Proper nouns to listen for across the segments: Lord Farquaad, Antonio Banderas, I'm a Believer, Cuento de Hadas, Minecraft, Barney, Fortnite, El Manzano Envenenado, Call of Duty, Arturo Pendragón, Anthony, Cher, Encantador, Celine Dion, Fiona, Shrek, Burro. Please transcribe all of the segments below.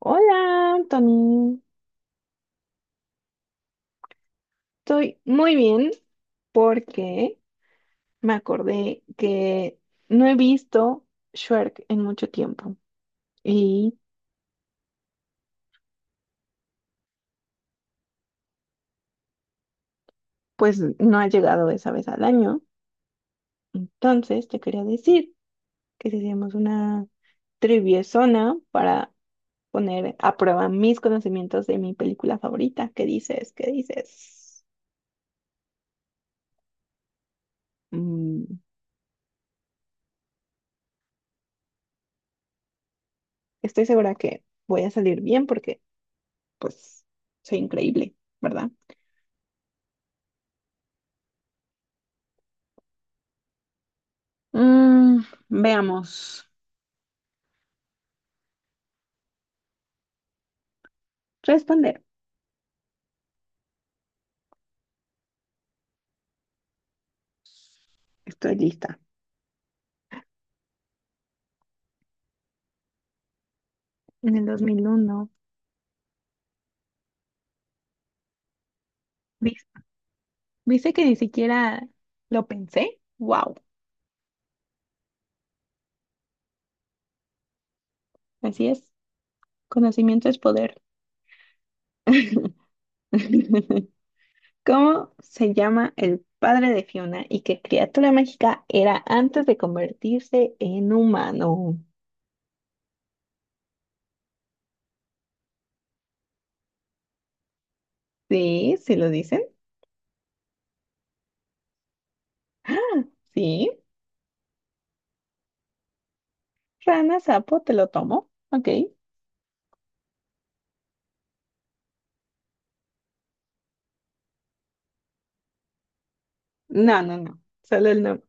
Hola, Anthony. Estoy muy bien porque me acordé que no he visto Shrek en mucho tiempo y pues no ha llegado esa vez al año. Entonces te quería decir que si hacíamos una triviezona para poner a prueba mis conocimientos de mi película favorita. ¿Qué dices? ¿Qué dices? Mm, Estoy segura que voy a salir bien porque pues soy increíble, ¿verdad? Mm, Veamos. Responder. Estoy lista. En el 2001. ¿Vis- ¿Viste que ni siquiera lo pensé? ¡Wow! Así es. Conocimiento es poder. ¿Cómo se llama el padre de Fiona y qué criatura mágica era antes de convertirse en humano? Sí, ¿se lo dicen? ¡Ah! Sí. Rana, sapo, te lo tomo. Ok. No, no, no. Solo el nombre.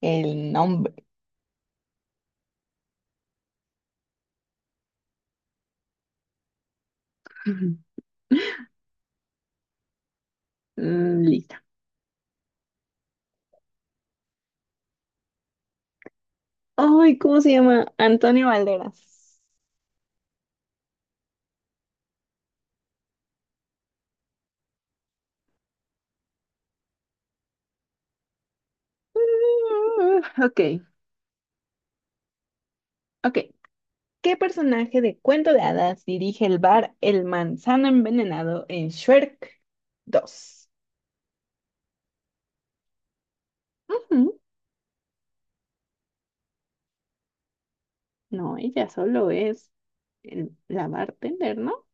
El nombre. Listo. Ay, ¿cómo se llama? Antonio Banderas. Ok, ok. ¿Qué personaje de Cuento de Hadas dirige el bar El Manzano Envenenado en Shrek 2? Ujú. No, ella solo es la bartender, ¿no?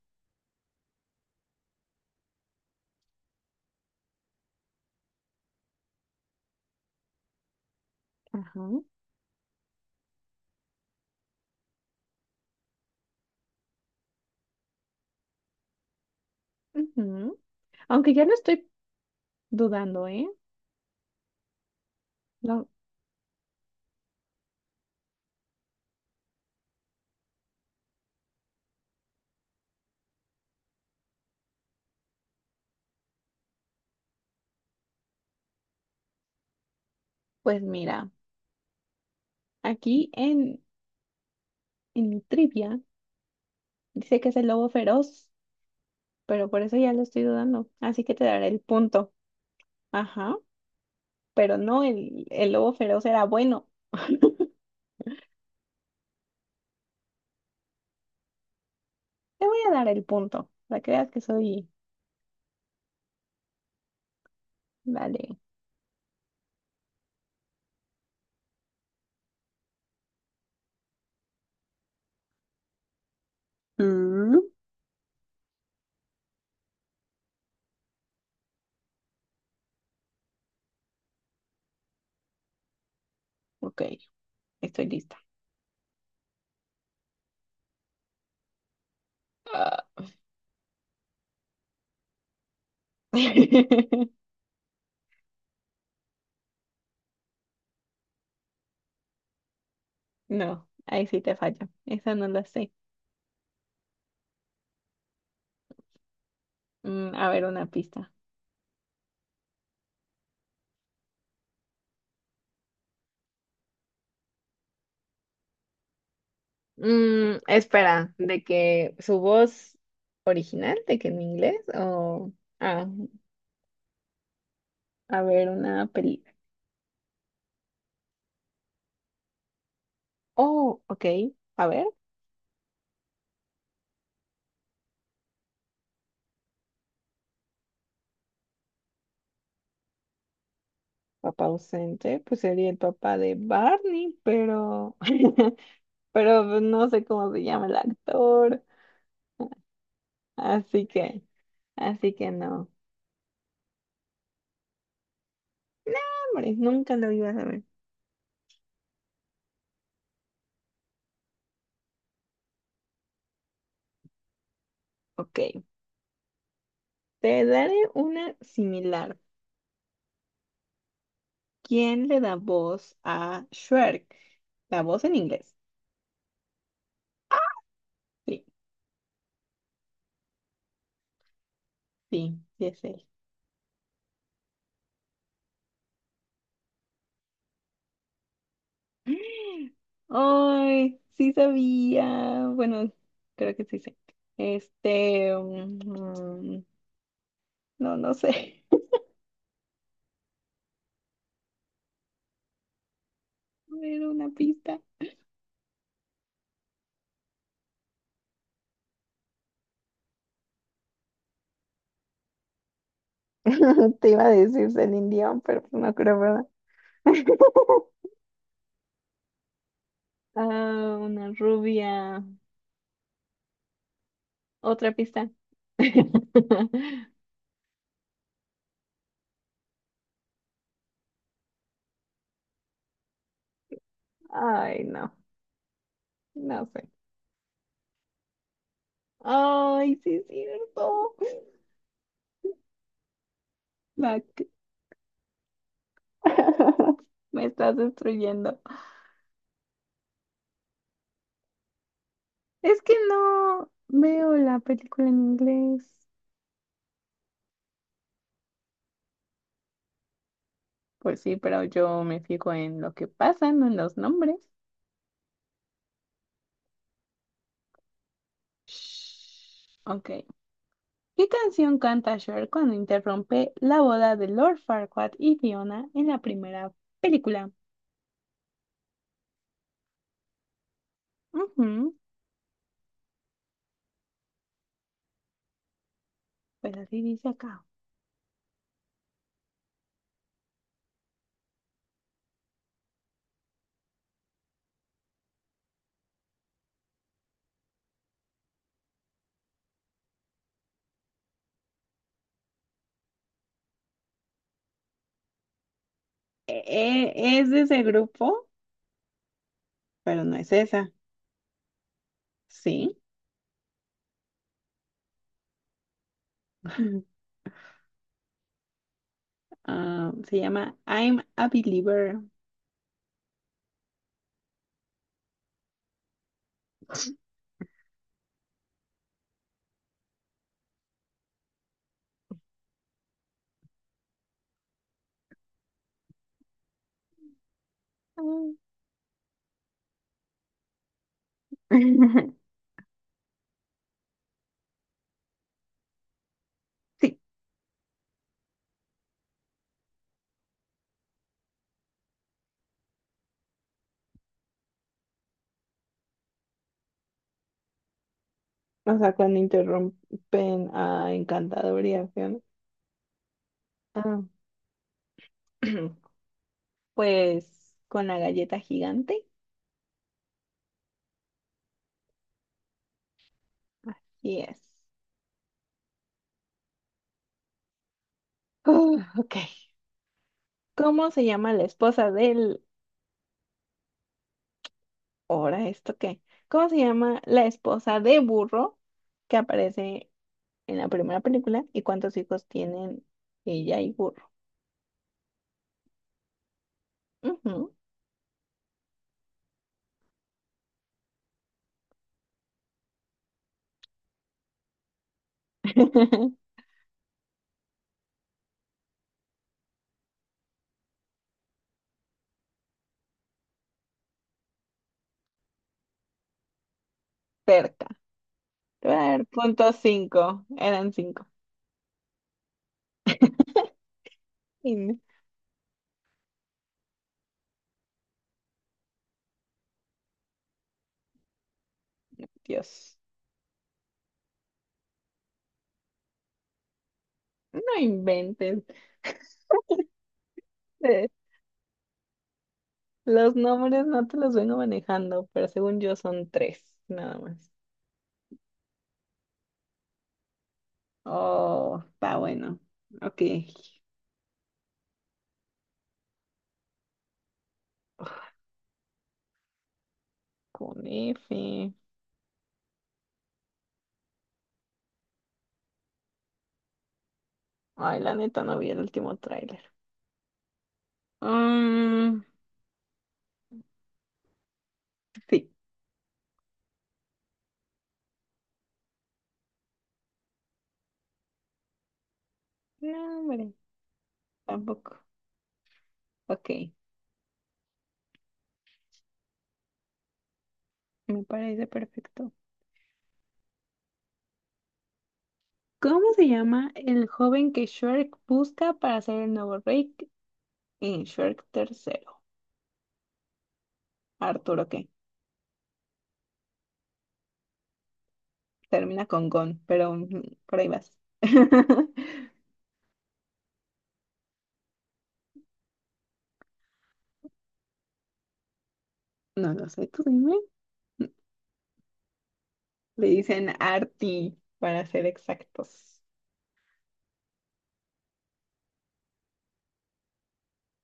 Ajá. Ujú. Aunque ya no estoy dudando, ¿eh? No, pues mira, aquí en mi trivia dice que es el lobo feroz, pero por eso ya lo estoy dudando. Así que te daré el punto. Ajá. Pero no, el lobo feroz era bueno. Te voy a dar el punto, para que veas que soy... Vale. Mm, Ok, estoy lista. Ah. No, ahí sí te falla. Esa no la sé. A ver, una pista. Espera, de que su voz original, de que en inglés o... Ah, a ver, una peli. Oh, ok, a ver, papá ausente, pues sería el papá de Barney, pero... Pero pues, no sé cómo se llama el actor, así que, así que no. No, hombre, nunca lo iba a saber. Ok, te daré una similar. ¿Quién le da voz a Shrek? La voz en inglés. Sí, sí, sí es él. Ay, sí sabía. Bueno, creo que sí sé. Este, no, no sé. Era una pista. Te iba a decir Celine Dion, pero no creo. Ah, una rubia. Otra pista. Ay, no, no sé. Ay, sí es cierto. La c- Me estás destruyendo. Es que no veo la película en inglés. Pues sí, pero yo me fijo en lo que pasa, no en los nombres. Shh. Ok. ¿Qué canción canta Cher cuando interrumpe la boda de Lord Farquaad y Fiona en la primera película? Ujú, pues así dice acá. Es de ese grupo, pero no es esa. Sí. Mm. Ah, se llama I'm a Believer. Ah. Sí. O sea, cuando interrumpen a Encantador y a Fiona. Ah, pues con la galleta gigante. Así es. Ok. ¿Cómo se llama la esposa del... Ahora, ¿esto qué? ¿Cómo se llama la esposa de burro que aparece en la primera película y cuántos hijos tienen ella y Burro. Ujú. Cerca. Te voy a dar 0.5. Eran cinco. In- Dios. No inventes. Eh, Los nombres no te los vengo manejando, pero según yo son tres, nada más. Oh, está bueno. Ok. Con F. Ay, la neta, no vi el último tráiler. Mm, sí. No, hombre, tampoco. Ok, me parece perfecto. ¿Cómo se llama el joven que Shrek busca para ser el nuevo rey en Shrek tercero? Arturo, que termina con Gon, pero por ahí vas. No lo sé, tú dime. Le dicen Arti, para ser exactos.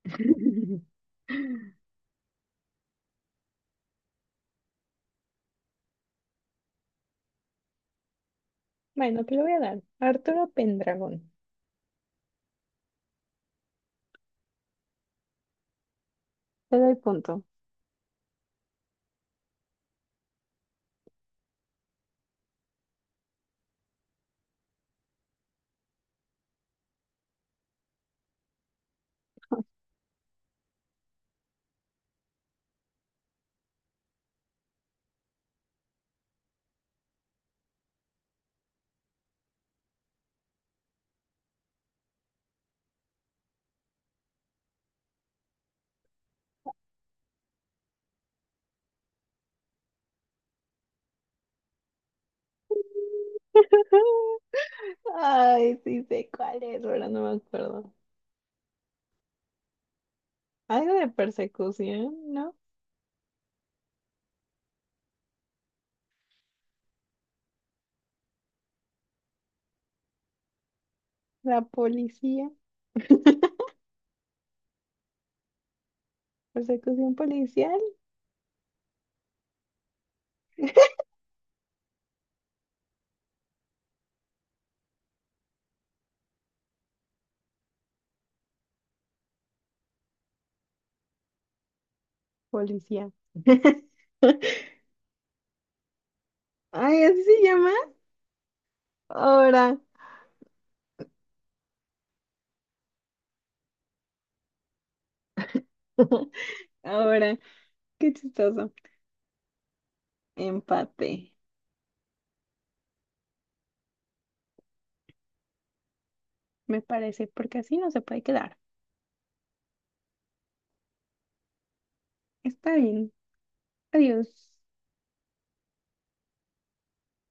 Bueno, te lo voy a dar. Arturo Pendragón. Te doy punto. Ay, sí sé cuál es, pero no me acuerdo. Algo de persecución, ¿no? La policía. ¿Persecución policial? Policía. Ay, así se llama. Ahora, ahora, qué chistoso. Empate, me parece, porque así no se puede quedar. Está bien. Adiós.